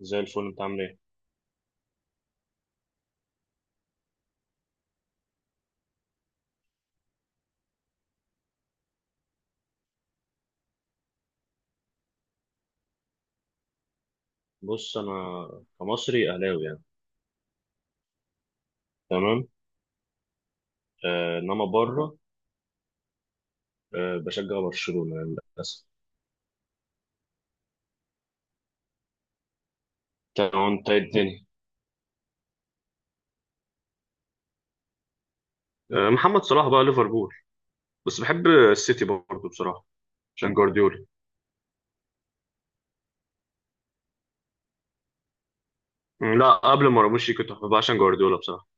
زي الفل انت عامل ايه؟ بص انا كمصري اهلاوي يعني. تمام. آه انما بره، آه بشجع برشلونه للاسف. تمام انت ايه الدنيا. آه محمد صلاح بقى ليفربول، بس بحب السيتي برضه بصراحه عشان جوارديولا. لا قبل ما راموس يجي كنت بحبها عشان جوارديولا بصراحه.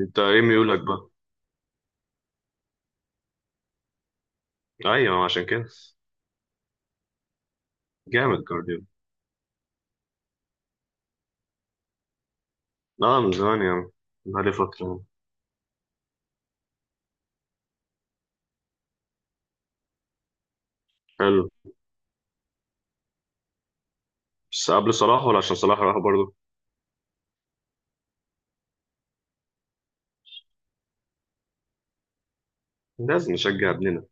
انت ايه ميولك بقى؟ ايوه عشان كده. جامد جوارديولا. لا من زمان يعني، بقالي فتره. حلو. بس قبل صلاح ولا عشان صلاح راح برضه؟ لازم نشجع ابننا،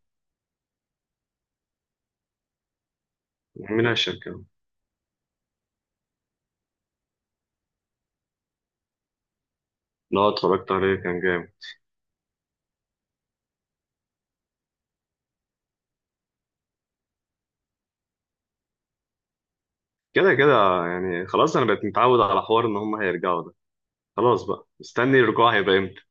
مين هيشجعه؟ لا اتفرجت عليه كان جامد. كده كده يعني، خلاص انا بقيت متعود على حوار ان هم هيرجعوا ده. خلاص بقى مستني الرجوع هيبقى امتى.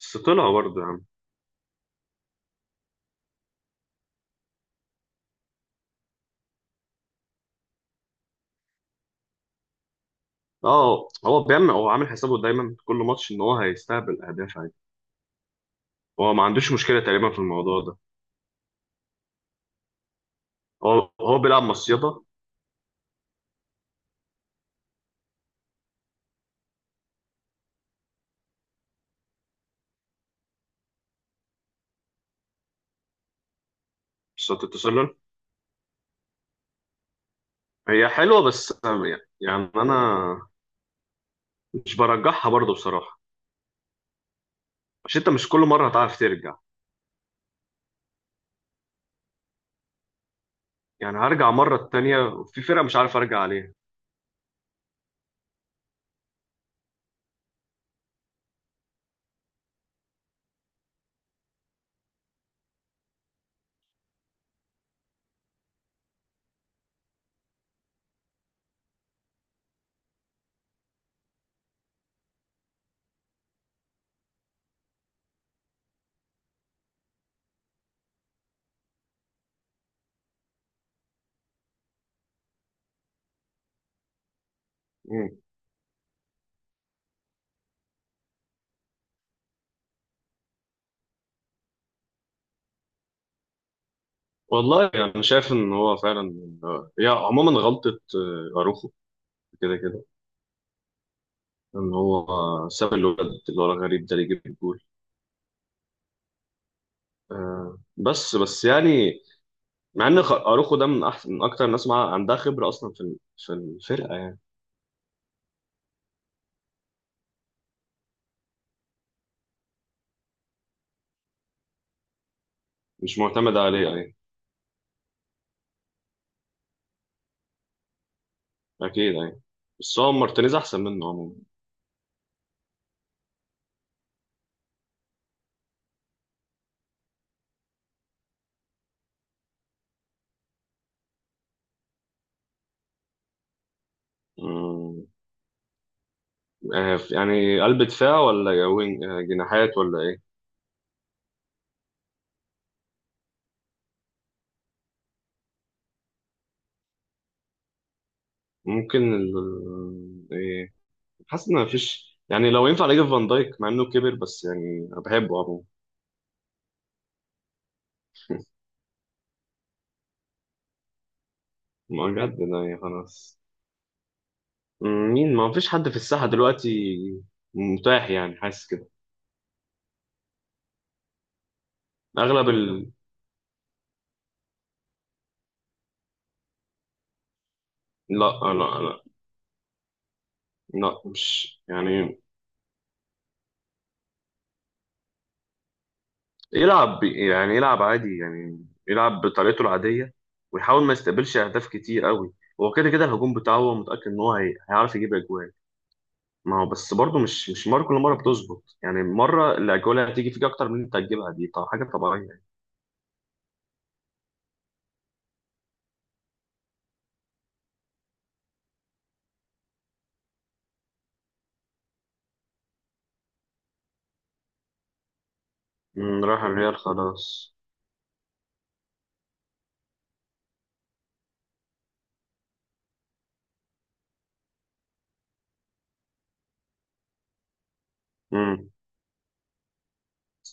بس طلعوا برضه يا عم. اه هو عامل حسابه دايما في كل ماتش ان هو هيستقبل اهداف عادي. هو ما عندوش مشكله تقريبا في الموضوع ده. هو بيلعب مصيده. مصيده التسلل هي حلوه، بس يعني انا مش برجحها برضه بصراحه، عشان انت مش كل مره هتعرف ترجع. يعني هرجع مره التانيه وفي فرقه مش عارف ارجع عليها. مم. والله انا يعني شايف ان هو فعلا هي عموما غلطه. اروخو، كده كده، ان هو ساب الولد اللي هو الغريب ده اللي يجيب الجول. آه بس يعني مع ان اروخو ده من احسن من اكتر الناس مع عندها خبره اصلا في الفرقه يعني. مش معتمد عليه يعني. اكيد يعني، بس هو مارتينيز احسن منه عموما. مم. آه يعني قلب دفاع ولا يا وينج آه جناحات ولا ايه؟ ممكن ايه، حاسس ان مفيش يعني، لو ينفع اجيب فان دايك مع انه كبر بس يعني انا بحبه. عموما بجد ده يعني خلاص. مين، ما فيش حد في الساحة دلوقتي متاح يعني، حاسس كده. أغلب ال لا لا، لا مش يعني. يلعب يعني، يلعب عادي يعني يلعب بطريقته العادية، ويحاول ما يستقبلش أهداف كتير قوي. هو كده كده الهجوم بتاعه هو متأكد إن هو هيعرف يجيب أجوال. ما هو بس برضه مش مرة، كل مرة بتظبط يعني، مرة الأجوال اللي هتيجي فيك أكتر من اللي أنت هتجيبها دي طبعا حاجة طبيعية يعني. مم، راح الريال خلاص. مم.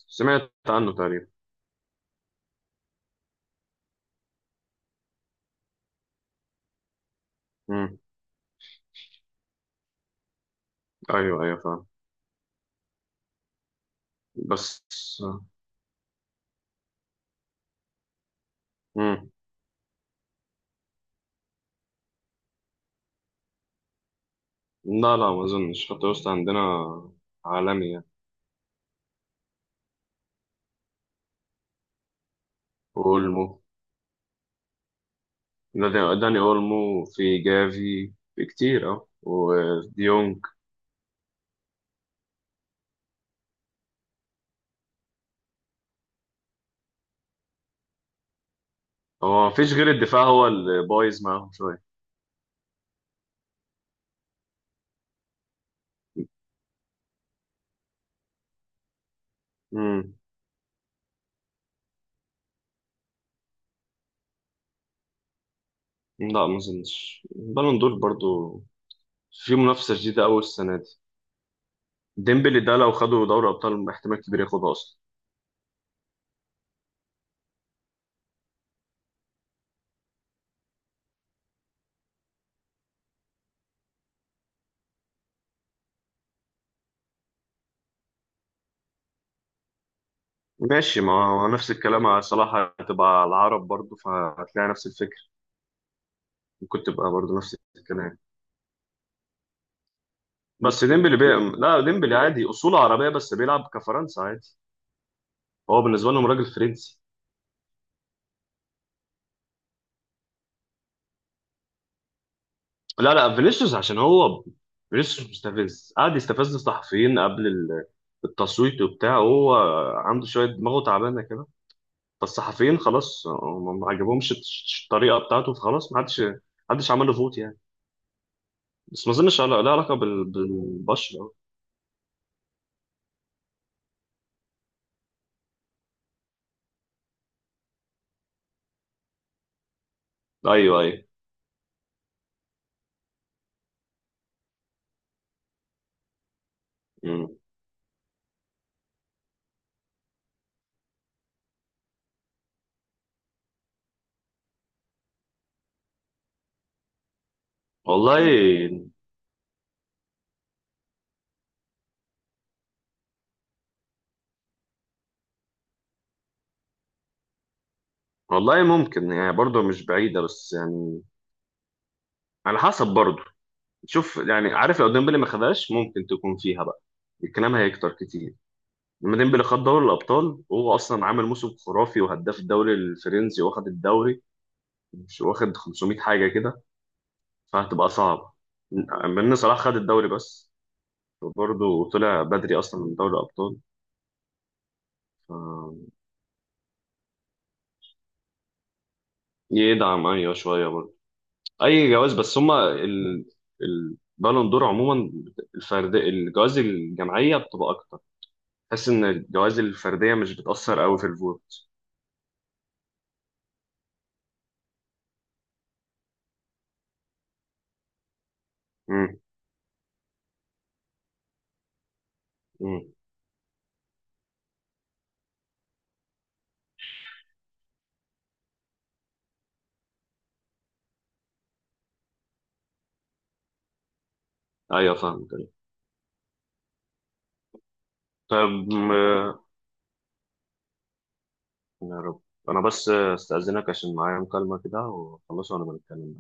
سمعت عنه تقريبا. مم. أيوه أيوه فاهم. بس. مم. لا لا ما اظنش، خط الوسط عندنا عالمي يعني. اولمو. داني اولمو، في جافي، في كتير اه وديونج. هو ما فيش غير الدفاع هو اللي بايظ معاهم شويه. مم. لا ما اظنش بالون دور برضو، في منافسه شديده قوي السنه دي. ديمبلي ده لو خدوا دوري ابطال احتمال كبير ياخدها اصلا. ماشي ما هو نفس الكلام على صلاح، هتبقى على العرب برضو فهتلاقي نفس الفكر، ممكن تبقى برضو نفس الكلام. بس لا ديمبلي عادي اصوله عربيه بس بيلعب كفرنسا عادي، هو بالنسبه لهم راجل فرنسي. لا لا فينيسيوس عشان هو، فينيسيوس مستفز قعد يستفز الصحفيين قبل التصويت وبتاع. هو عنده شويه دماغه تعبانه كده، فالصحفيين خلاص هم ما عجبهمش الطريقه بتاعته، فخلاص ما حدش عمل له فوت يعني. بس ما اظنش لا علاقه بالبشره. ايوه ايوه. مم. والله. والله ممكن يعني برضه مش بعيده، بس يعني على حسب برضه. شوف يعني، عارف لو ديمبلي ما خدهاش ممكن تكون فيها بقى، الكلام هيكتر كتير. لما ديمبلي خد دوري الابطال وهو اصلا عامل موسم خرافي وهداف الدوري الفرنسي واخد الدوري، مش واخد 500 حاجه كده، فهتبقى صعبه من إن صلاح خد الدوري بس، برضه طلع بدري اصلا من دوري الابطال. ف- يدعم ايوه شويه برضه، اي جواز. بس هما البالون دور عموما الفرد، الجوائز الجماعيه بتبقى اكتر، تحس ان الجوائز الفرديه مش بتاثر قوي في الفوت. امم. امم. ايوه فاهمك أيوة. طب آه، يا رب. انا بس آه، استاذنك عشان معايا مكالمه كده واخلصها وانا بنتكلم